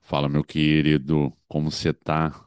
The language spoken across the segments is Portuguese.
Fala, meu querido, como você tá?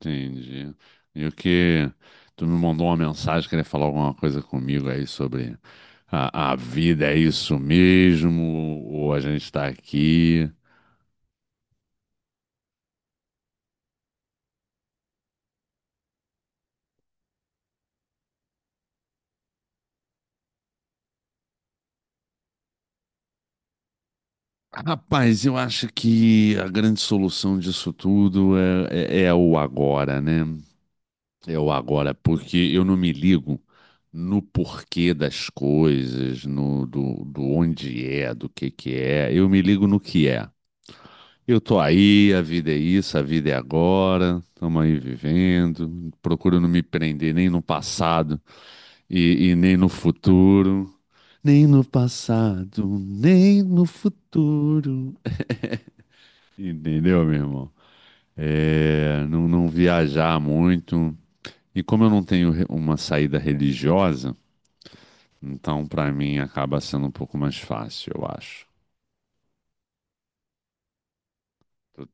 Entendi. E o que tu me mandou uma mensagem querendo falar alguma coisa comigo aí sobre a vida, é isso mesmo? Ou a gente tá aqui? Rapaz, eu acho que a grande solução disso tudo é o agora, né? É o agora, porque eu não me ligo no porquê das coisas, no do onde é, do que é. Eu me ligo no que é. Eu tô aí, a vida é isso, a vida é agora, estamos aí vivendo. Procuro não me prender nem no passado e nem no futuro. Nem no passado, nem no futuro. Entendeu, meu irmão? É, não, não viajar muito. E como eu não tenho uma saída religiosa, então pra mim acaba sendo um pouco mais fácil, eu acho. Tô-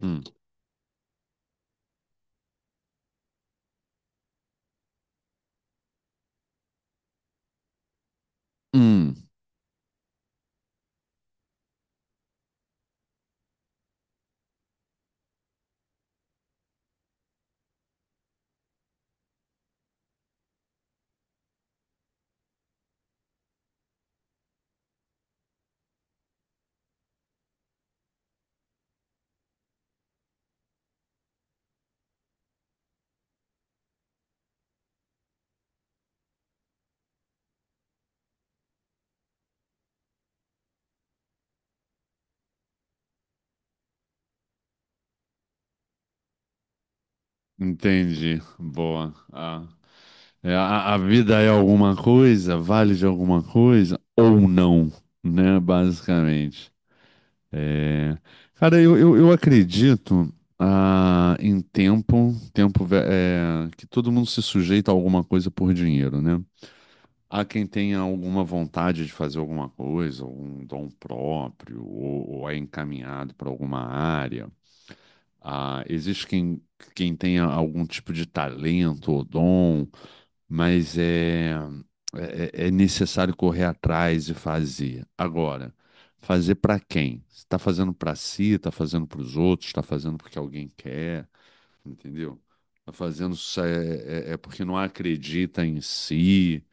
Hum, hum, entendi. Boa. Ah. É, a vida é alguma coisa, vale de alguma coisa ou não, né? Basicamente. É, cara, eu acredito em tempo, é, que todo mundo se sujeita a alguma coisa por dinheiro, né? Há quem tenha alguma vontade de fazer alguma coisa, algum dom próprio, ou é encaminhado para alguma área. Ah, existe quem tenha algum tipo de talento ou dom mas é, é necessário correr atrás e fazer. Agora, fazer para quem? Você está fazendo para si, está fazendo para os outros, está fazendo porque alguém quer, entendeu? Está fazendo é porque não acredita em si.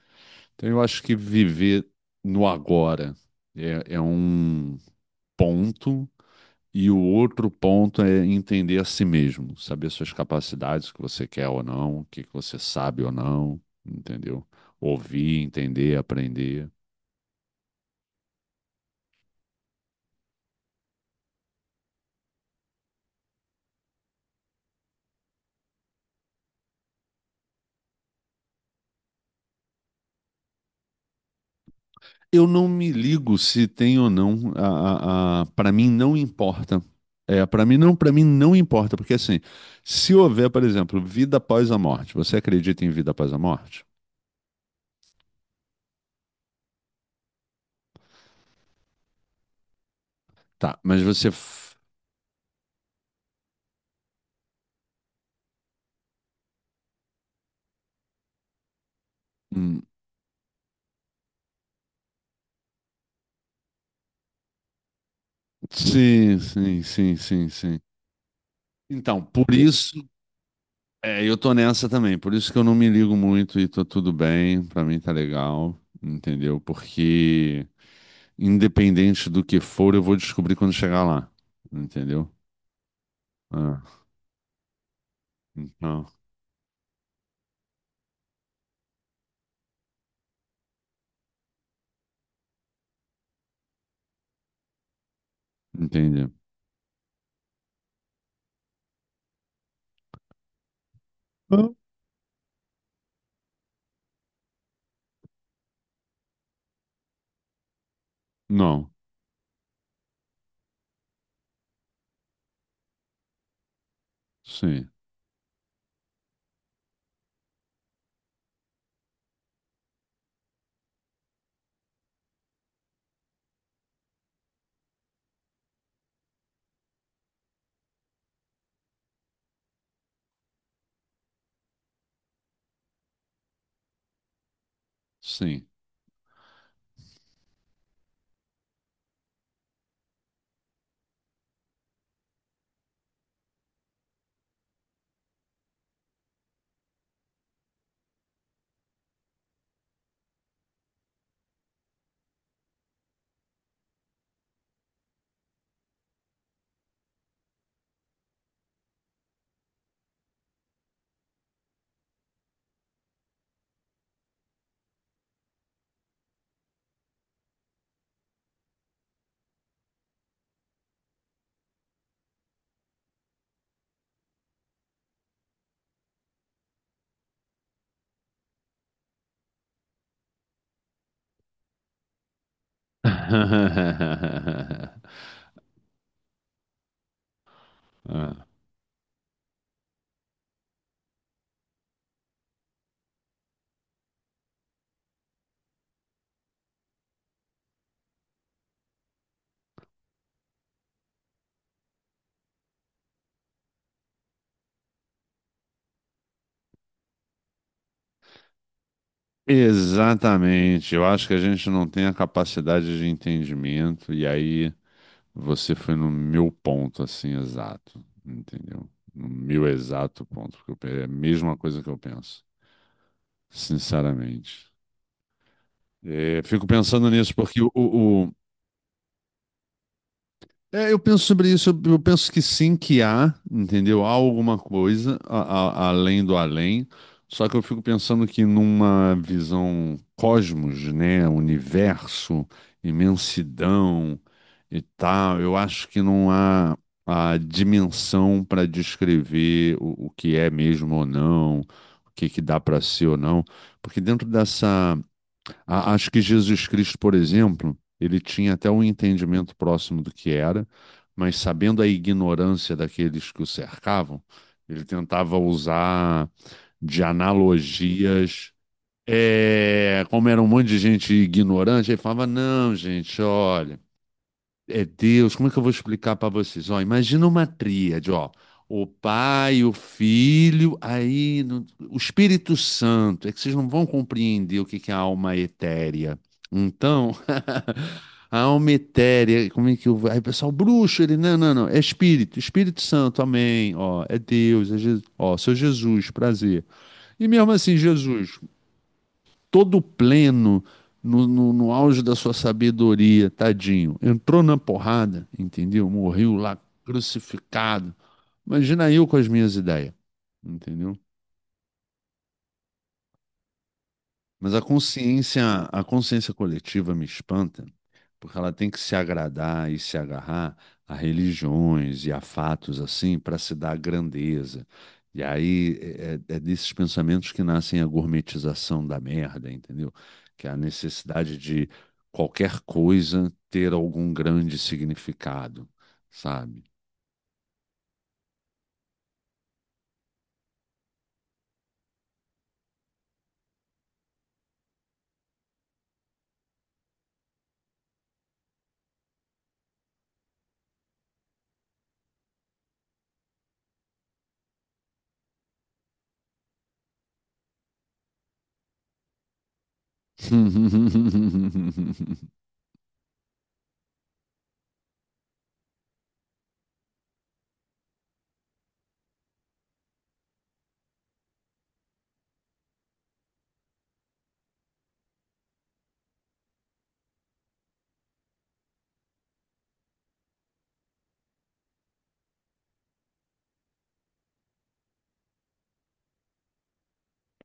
Então, eu acho que viver no agora é, é um ponto e o outro ponto é entender a si mesmo, saber suas capacidades, o que você quer ou não, o que que você sabe ou não, entendeu? Ouvir, entender, aprender. Eu não me ligo se tem ou não, a para mim não importa. É, para mim não importa, porque assim, se houver, por exemplo, vida após a morte, você acredita em vida após a morte? Tá, mas hum, sim, sim, sim, sim, sim. Então, por isso é, eu tô nessa também, por isso que eu não me ligo muito e tô tudo bem, pra mim tá legal, entendeu? Porque independente do que for, eu vou descobrir quando chegar lá, entendeu? Ah, então, entendi. Ah. Não, sim, sim. Ah, exatamente, eu acho que a gente não tem a capacidade de entendimento e aí você foi no meu ponto, assim, exato, entendeu? No meu exato ponto, porque é a mesma coisa que eu penso, sinceramente. É, fico pensando nisso, porque é, eu penso sobre isso, eu penso que sim, que há, entendeu? Há alguma coisa além do além, só que eu fico pensando que numa visão cosmos, né? Universo, imensidão e tal, eu acho que não há a dimensão para descrever o que é mesmo ou não, o que que dá para ser ou não, porque dentro dessa acho que Jesus Cristo, por exemplo, ele tinha até um entendimento próximo do que era, mas sabendo a ignorância daqueles que o cercavam, ele tentava usar de analogias. É, como era um monte de gente ignorante, ele falava: não, gente, olha. É Deus, como é que eu vou explicar para vocês? Ó, imagina uma tríade, ó. O Pai, o Filho, aí no- o Espírito Santo. É que vocês não vão compreender o que que é a alma etérea. Então, a alma etérea, como é que eu... Aí o pessoal, bruxo, ele, não, não, não, é Espírito, Espírito Santo, amém. Ó, é Deus, é Jesus, ó, seu Jesus, prazer. E mesmo assim, Jesus, todo pleno, no auge da sua sabedoria, tadinho. Entrou na porrada, entendeu? Morreu lá crucificado. Imagina eu com as minhas ideias, entendeu? Mas a consciência coletiva me espanta, porque ela tem que se agradar e se agarrar a religiões e a fatos assim para se dar grandeza. E aí é, é desses pensamentos que nascem a gourmetização da merda, entendeu? Que é a necessidade de qualquer coisa ter algum grande significado, sabe?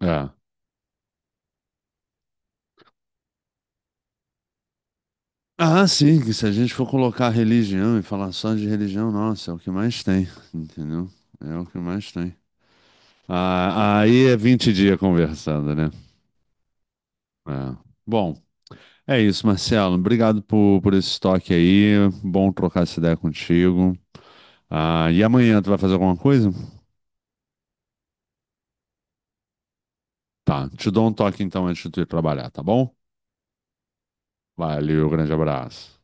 É. Ah, sim, que se a gente for colocar religião e falar só de religião, nossa, é o que mais tem, entendeu? É o que mais tem. Ah, aí é 20 dias conversando, né? É. Bom, é isso, Marcelo. Obrigado por esse toque aí. Bom trocar essa ideia contigo. Ah, e amanhã tu vai fazer alguma coisa? Tá, te dou um toque então antes de tu ir trabalhar, tá bom? Valeu, grande abraço.